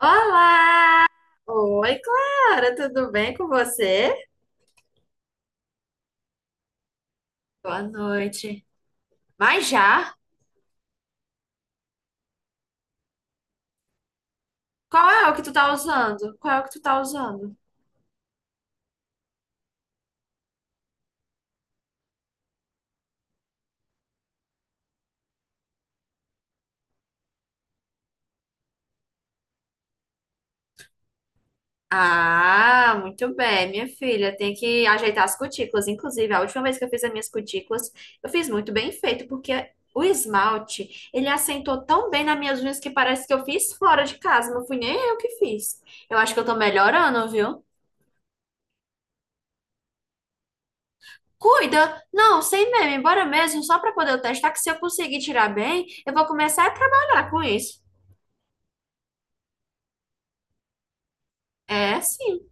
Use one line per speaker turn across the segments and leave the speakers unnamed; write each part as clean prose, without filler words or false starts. Olá! Oi, Clara, tudo bem com você? Boa noite. Mas já? Qual é o que tu tá usando? Qual é o que tu tá usando? Ah, muito bem, minha filha. Tem que ajeitar as cutículas. Inclusive, a última vez que eu fiz as minhas cutículas, eu fiz muito bem feito, porque o esmalte, ele assentou tão bem nas minhas unhas que parece que eu fiz fora de casa. Não fui nem eu que fiz. Eu acho que eu tô melhorando, viu? Cuida! Não, sem meme, bora mesmo, só para poder eu testar que se eu conseguir tirar bem, eu vou começar a trabalhar com isso. É, sim.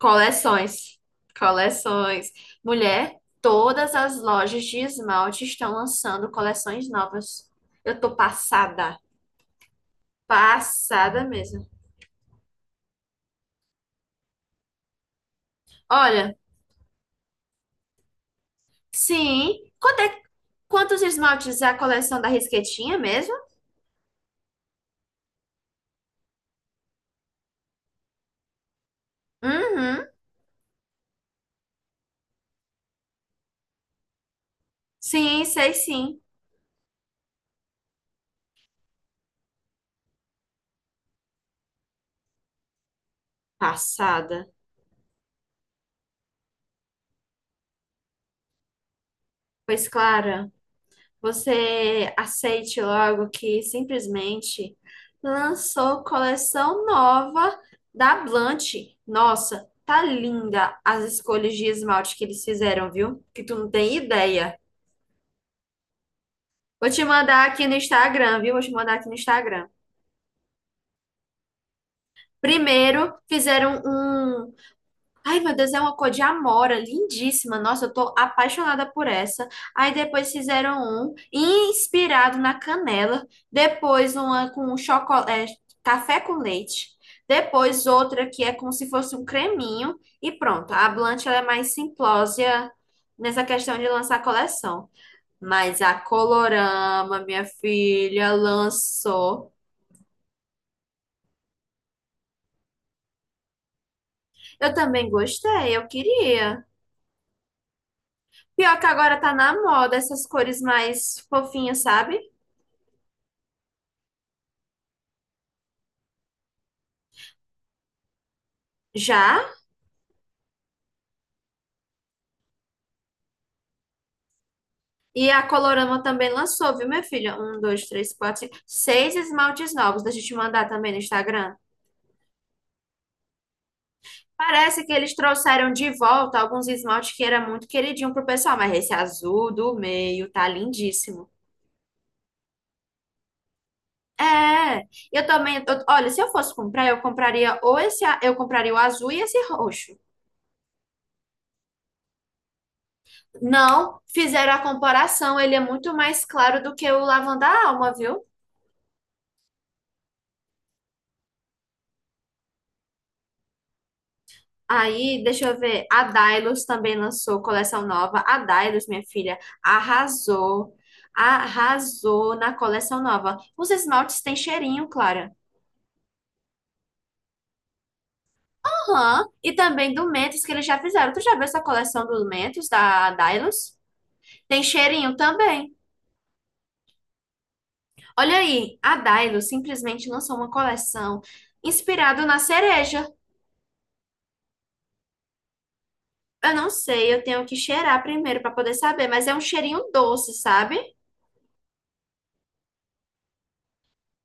Coleções. Coleções. Mulher, todas as lojas de esmalte estão lançando coleções novas. Eu tô passada. Passada mesmo. Olha, sim. Quantos esmaltes é a coleção da Risquetinha mesmo? Uhum. Sim, sei sim. Passada. Pois, Clara. Você aceite logo que simplesmente lançou coleção nova da Blanche. Nossa, tá linda as escolhas de esmalte que eles fizeram, viu? Que tu não tem ideia. Vou te mandar aqui no Instagram, viu? Vou te mandar aqui no Instagram. Primeiro, fizeram um. Ai, meu Deus, é uma cor de amora, lindíssima. Nossa, eu tô apaixonada por essa. Aí depois fizeram um inspirado na canela, depois uma com chocolate, café com leite, depois outra que é como se fosse um creminho e pronto. A Blanche ela é mais simplória nessa questão de lançar coleção. Mas a Colorama, minha filha, lançou. Eu também gostei, eu queria. Pior que agora tá na moda essas cores mais fofinhas, sabe? Já. E a Colorama também lançou, viu, minha filha? Um, dois, três, quatro, cinco, seis esmaltes novos. Deixa eu te mandar também no Instagram. Parece que eles trouxeram de volta alguns esmaltes que era muito queridinho pro pessoal, mas esse azul do meio tá lindíssimo. É, eu também. Olha, se eu fosse comprar, eu compraria ou esse, eu compraria o azul e esse roxo. Não, fizeram a comparação, ele é muito mais claro do que o lavanda alma, viu? Aí, deixa eu ver. A Dailos também lançou coleção nova. A Dailos, minha filha, arrasou. Arrasou na coleção nova. Os esmaltes têm cheirinho, Clara. Aham. E também do Mentos, que eles já fizeram. Tu já viu essa coleção do Mentos, da Dailos? Tem cheirinho também. Olha aí, a Dailos simplesmente lançou uma coleção inspirada na cereja. Eu não sei, eu tenho que cheirar primeiro para poder saber, mas é um cheirinho doce, sabe?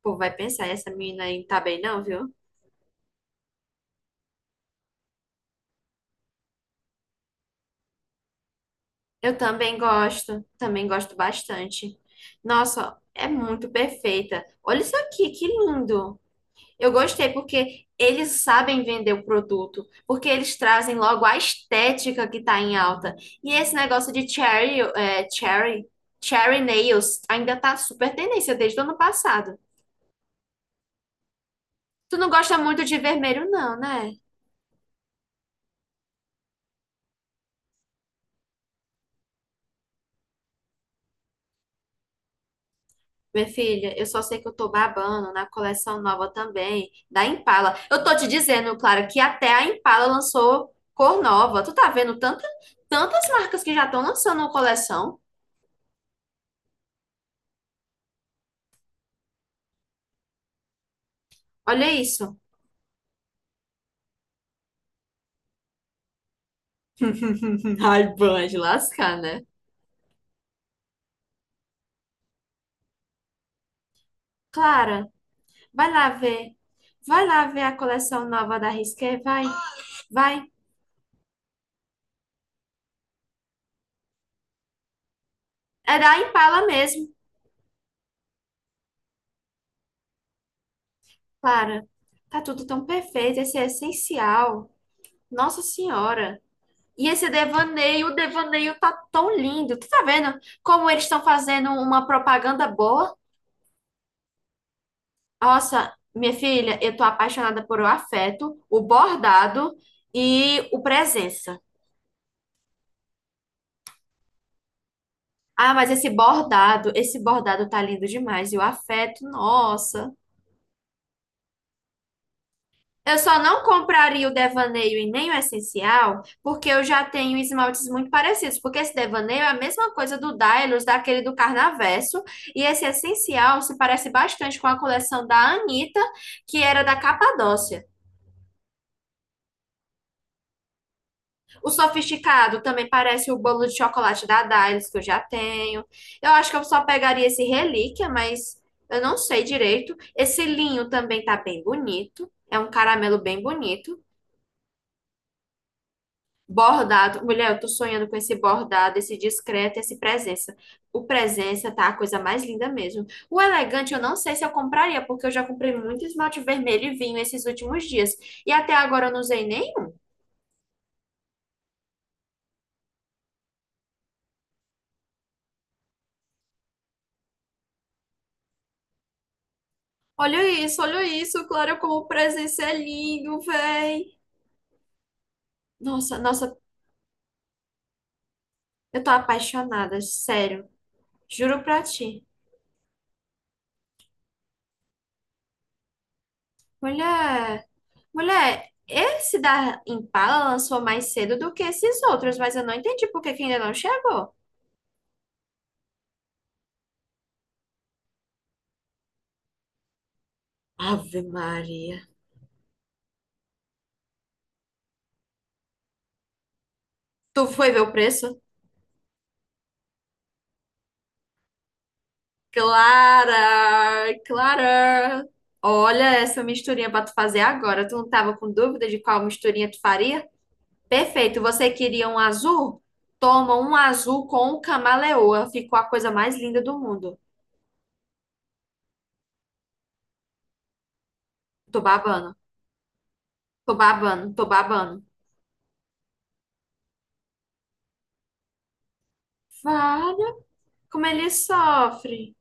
Pô, vai pensar, essa menina aí não tá bem não, viu? Eu também gosto bastante. Nossa, é muito perfeita. Olha isso aqui, que lindo. Eu gostei porque eles sabem vender o produto, porque eles trazem logo a estética que tá em alta. E esse negócio de cherry cherry nails ainda tá super tendência desde o ano passado. Tu não gosta muito de vermelho, não, né? Minha filha, eu só sei que eu tô babando na coleção nova também, da Impala. Eu tô te dizendo, Clara, que até a Impala lançou cor nova. Tu tá vendo tantas marcas que já estão lançando uma coleção? Olha isso. Ai, ban de lascar, né? Clara, vai lá ver. Vai lá ver a coleção nova da Risqué, vai, vai. É da Impala mesmo, Clara. Tá tudo tão perfeito, esse é essencial. Nossa Senhora. E esse devaneio, o devaneio tá tão lindo. Tu tá vendo como eles estão fazendo uma propaganda boa? Nossa, minha filha, eu tô apaixonada por o afeto, o bordado e o presença. Ah, mas esse bordado tá lindo demais. E o afeto, nossa. Eu só não compraria o devaneio e nem o essencial, porque eu já tenho esmaltes muito parecidos. Porque esse devaneio é a mesma coisa do Dailus, daquele do Carnaverso. E esse essencial se parece bastante com a coleção da Anitta, que era da Capadócia. O sofisticado também parece o bolo de chocolate da Dailus, que eu já tenho. Eu acho que eu só pegaria esse relíquia, mas eu não sei direito. Esse linho também tá bem bonito. É um caramelo bem bonito. Bordado. Mulher, eu tô sonhando com esse bordado, esse discreto, esse presença. O presença tá a coisa mais linda mesmo. O elegante eu não sei se eu compraria, porque eu já comprei muito esmalte vermelho e vinho esses últimos dias. E até agora eu não usei nenhum. Olha isso, Clara, como o presença é lindo, véi. Nossa, nossa, eu tô apaixonada, sério. Juro pra ti. Mulher, Mulher, esse da Impala lançou mais cedo do que esses outros, mas eu não entendi por que que ainda não chegou. Ave Maria. Tu foi ver o preço? Clara, Clara. Olha essa misturinha pra tu fazer agora. Tu não tava com dúvida de qual misturinha tu faria? Perfeito. Você queria um azul? Toma um azul com camaleoa. Ficou a coisa mais linda do mundo. Tô babando. Tô babando. Tô babando. Vale. Como ele sofre.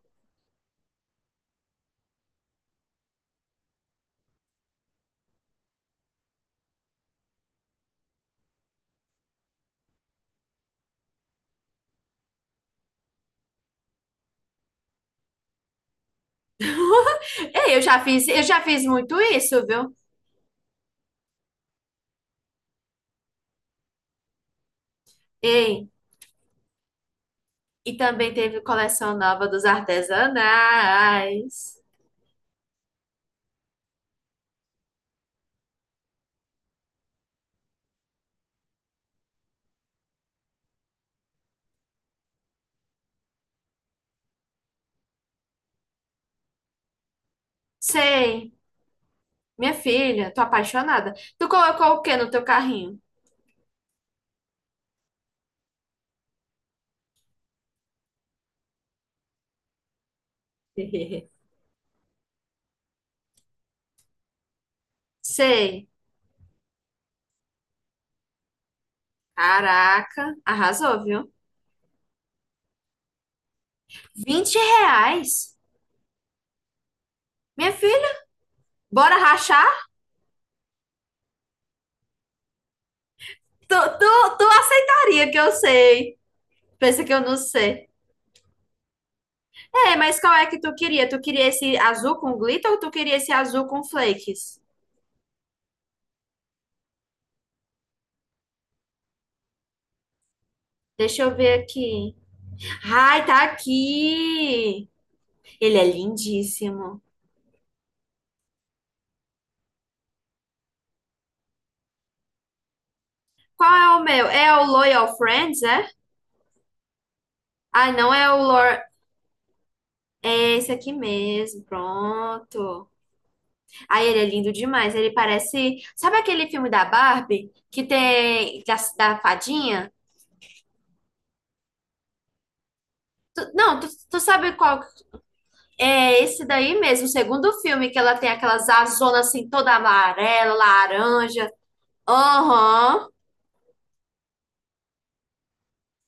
Ei, eu já fiz muito isso, viu? Ei, e também teve coleção nova dos artesanais. Sei. Minha filha, tô apaixonada. Tu colocou o que no teu carrinho? Sei. Caraca, arrasou, viu? R$ 20? Minha filha, bora rachar? Tu aceitaria que eu sei. Pensa que eu não sei. É, mas qual é que tu queria? Tu queria esse azul com glitter ou tu queria esse azul com flakes? Deixa eu ver aqui. Ai, tá aqui. Ele é lindíssimo. Qual é o meu? É o Loyal Friends, é? Ah, não é o Lor É esse aqui mesmo, pronto. Aí ele é lindo demais, ele parece. Sabe aquele filme da Barbie que tem da fadinha? Não, tu sabe qual. É esse daí mesmo, o segundo filme, que ela tem aquelas azonas assim, toda amarela, laranja. Aham.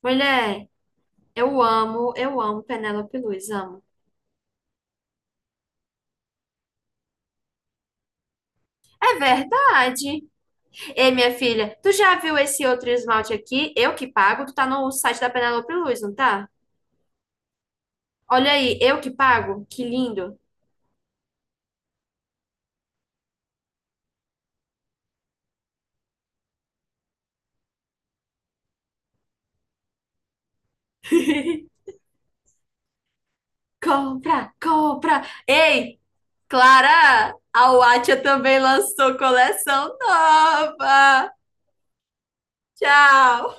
Mulher, eu amo Penélope Luiz, amo. É verdade. Ei, minha filha, tu já viu esse outro esmalte aqui? Eu que pago, tu tá no site da Penélope Luiz, não tá? Olha aí, eu que pago? Que lindo. Compra, compra. Ei, Clara, a Watcha também lançou coleção nova. Tchau.